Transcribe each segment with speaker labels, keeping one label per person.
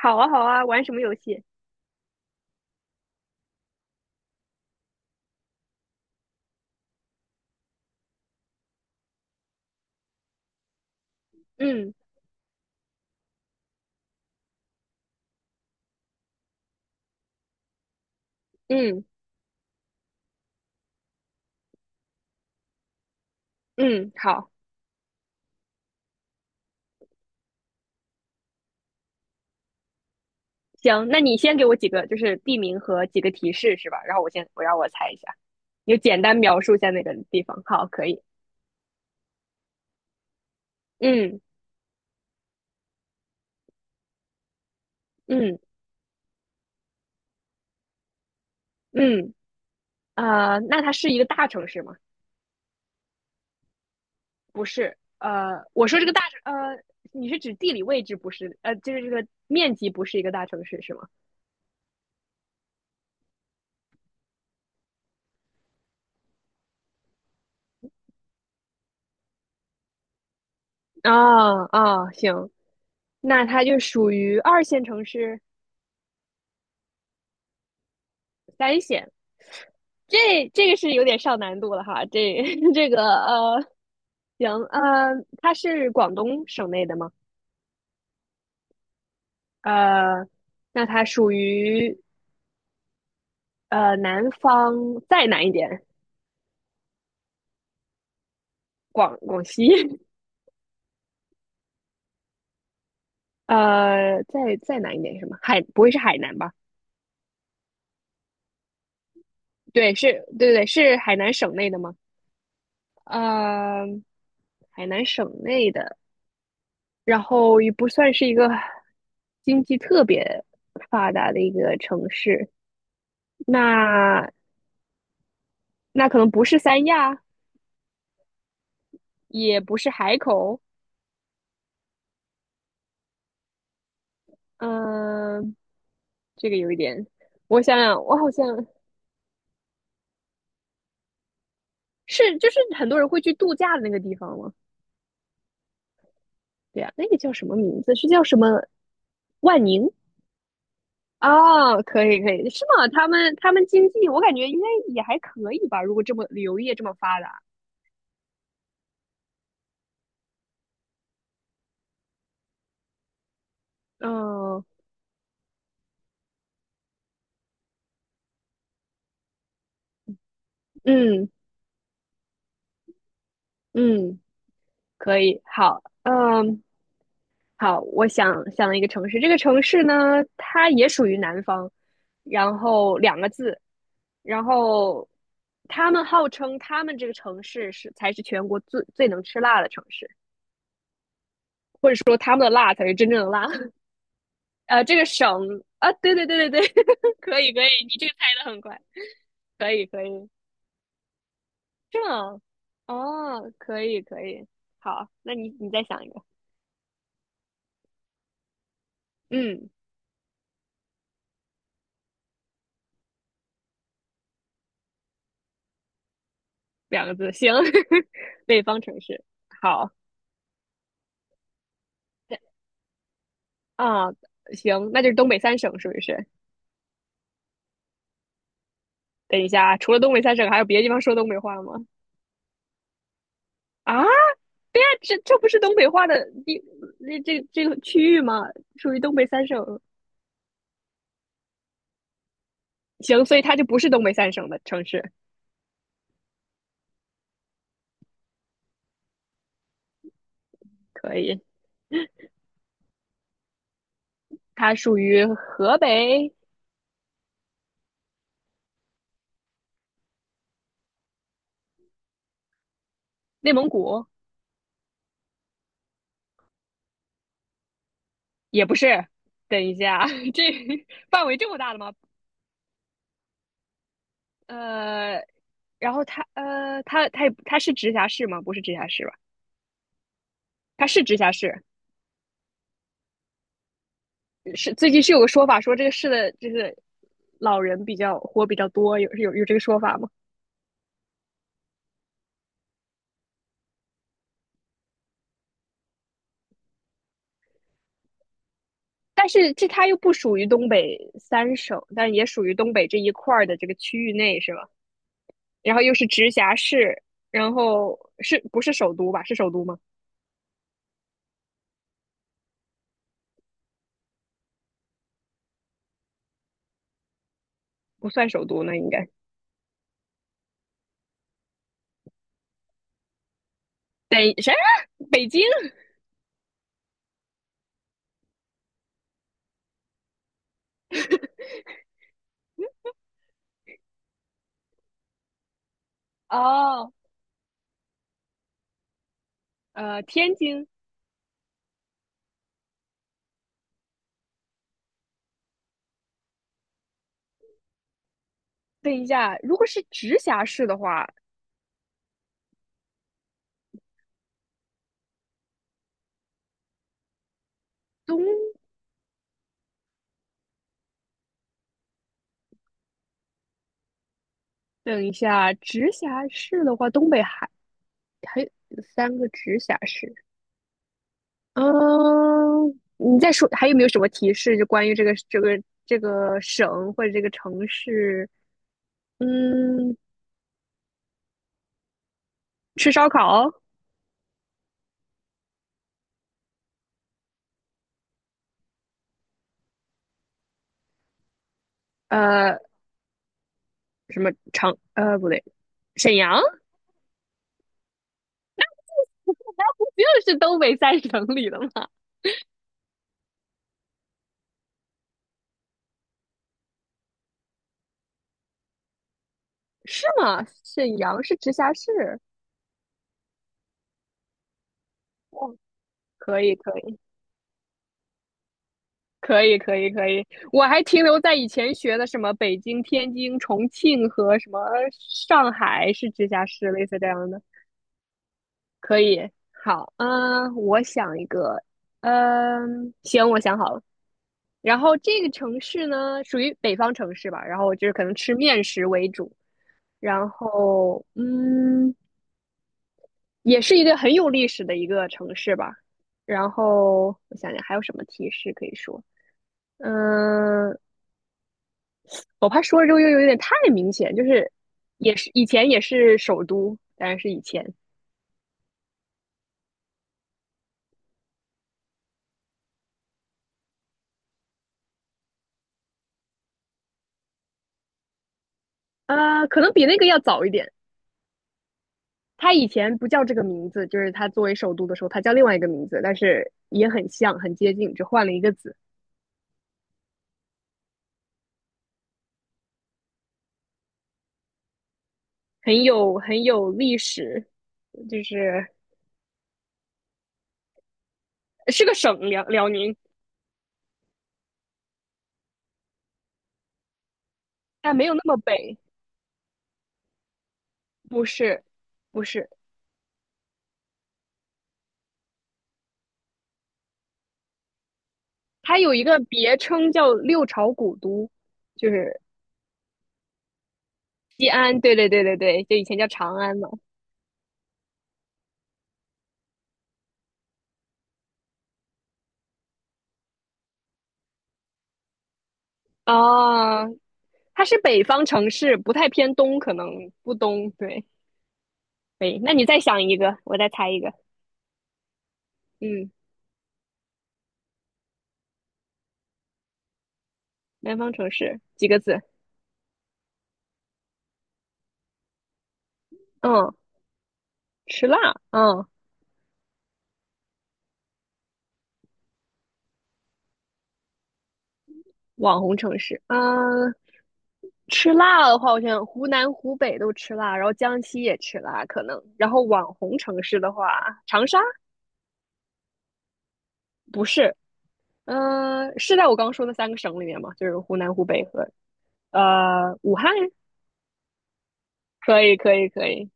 Speaker 1: 好啊，好啊，玩什么游戏？嗯嗯嗯，好，行，那你先给我几个就是地名和几个提示是吧？然后我让我猜一下，你就简单描述一下那个地方。好，可以。嗯嗯嗯，那它是一个大城市吗？不是。我说这个大城，你是指地理位置不是？就是这个面积不是一个大城市是吗？啊啊，行，那它就属于二线城市、三线。这个是有点上难度了哈，这 这个行它是广东省内的吗？呃，那它属于南方再南一点，广西，再南一点是什么？海不会是海南吧？对，是，对对对，是海南省内的吗？呃，海南省内的，然后也不算是一个经济特别发达的一个城市。那那可能不是三亚，也不是海口，嗯，这个有一点，我想想，我好像是就是很多人会去度假的那个地方吗？对呀，那个叫什么名字？是叫什么万宁？哦，可以可以，是吗？他们经济，我感觉应该也还可以吧，如果这么旅游业这么发达，嗯嗯嗯，可以，好，嗯，好，我想了一个城市，这个城市呢，它也属于南方，然后两个字，然后他们号称他们这个城市才是全国最能吃辣的城市，或者说他们的辣才是真正的辣。这个省啊，对对对对对，可以可以，你这个猜的很快，可以可以，这样哦，可以可以，好，那你再想一个，嗯，两个字，行，北方城市，好。啊，行，那就是东北三省是不是？等一下啊，除了东北三省，还有别的地方说东北话吗？啊，这不是东北话的地，那这个区域吗？属于东北三省。行，所以它就不是东北三省的城市，可以，它属于河北、内蒙古，也不是。等一下啊，这范围这么大的吗？呃，然后它是直辖市吗？不是直辖市吧？它是直辖市。是最近有个说法说这个市的就是老人比较活比较多，有这个说法吗？但是它又不属于东北三省，但也属于东北这一块儿的这个区域内是吧？然后又是直辖市，然后是不是首都吧？是首都吗？不算首都那应该北啥？北京 哦，天津。等一下，如果是直辖市的话，东等一下，直辖市的话，东北还有三个直辖市，嗯，你再说还有没有什么提示？就关于这个省或者这个城市？嗯，吃烧烤？呃，什么长？不对，沈阳？不就是东北三省里的吗？是吗？沈阳是直辖市。哦，可以，可以，可以，可以，可以。我还停留在以前学的什么北京、天津、重庆和什么上海是直辖市，类似这样的。可以，好，嗯，我想一个，嗯，行，我想好了。然后这个城市呢，属于北方城市吧，然后就是可能吃面食为主，然后也是一个很有历史的一个城市吧。然后我想想还有什么提示可以说，嗯，我怕说了之后又有点太明显，就是也是以前也是首都，当然是以前，啊，可能比那个要早一点。它以前不叫这个名字，就是它作为首都的时候，它叫另外一个名字，但是也很像，很接近，只换了一个字，很有历史，就是是个省辽宁，但没有那么北，不是，不是，它有一个别称叫六朝古都，就是西安，对对对对对，就以前叫长安嘛，啊，它是北方城市，不太偏东，可能不东，对，北，那你再想一个，我再猜一个，嗯，南方城市几个字？嗯，吃辣，嗯，网红城市，嗯，吃辣的话，我想湖南、湖北都吃辣，然后江西也吃辣，可能。然后网红城市的话，长沙不是，嗯，是在我刚说的三个省里面吗？就是湖南、湖北和武汉，可以，可以，可以，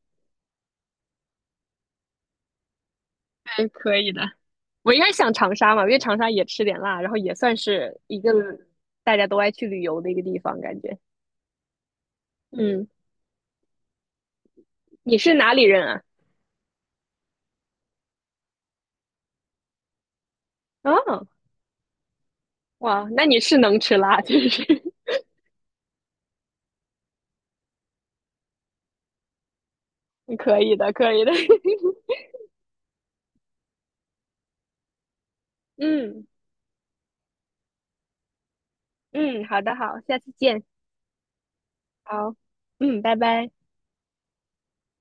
Speaker 1: 对，可以的。我应该想长沙嘛，因为长沙也吃点辣，然后也算是一个大家都爱去旅游的一个地方，感觉。嗯，你是哪里人啊？哦，哇，那你是能吃辣，就是。可以的，可以的。嗯嗯，好的，好，下次见。好，嗯，拜拜。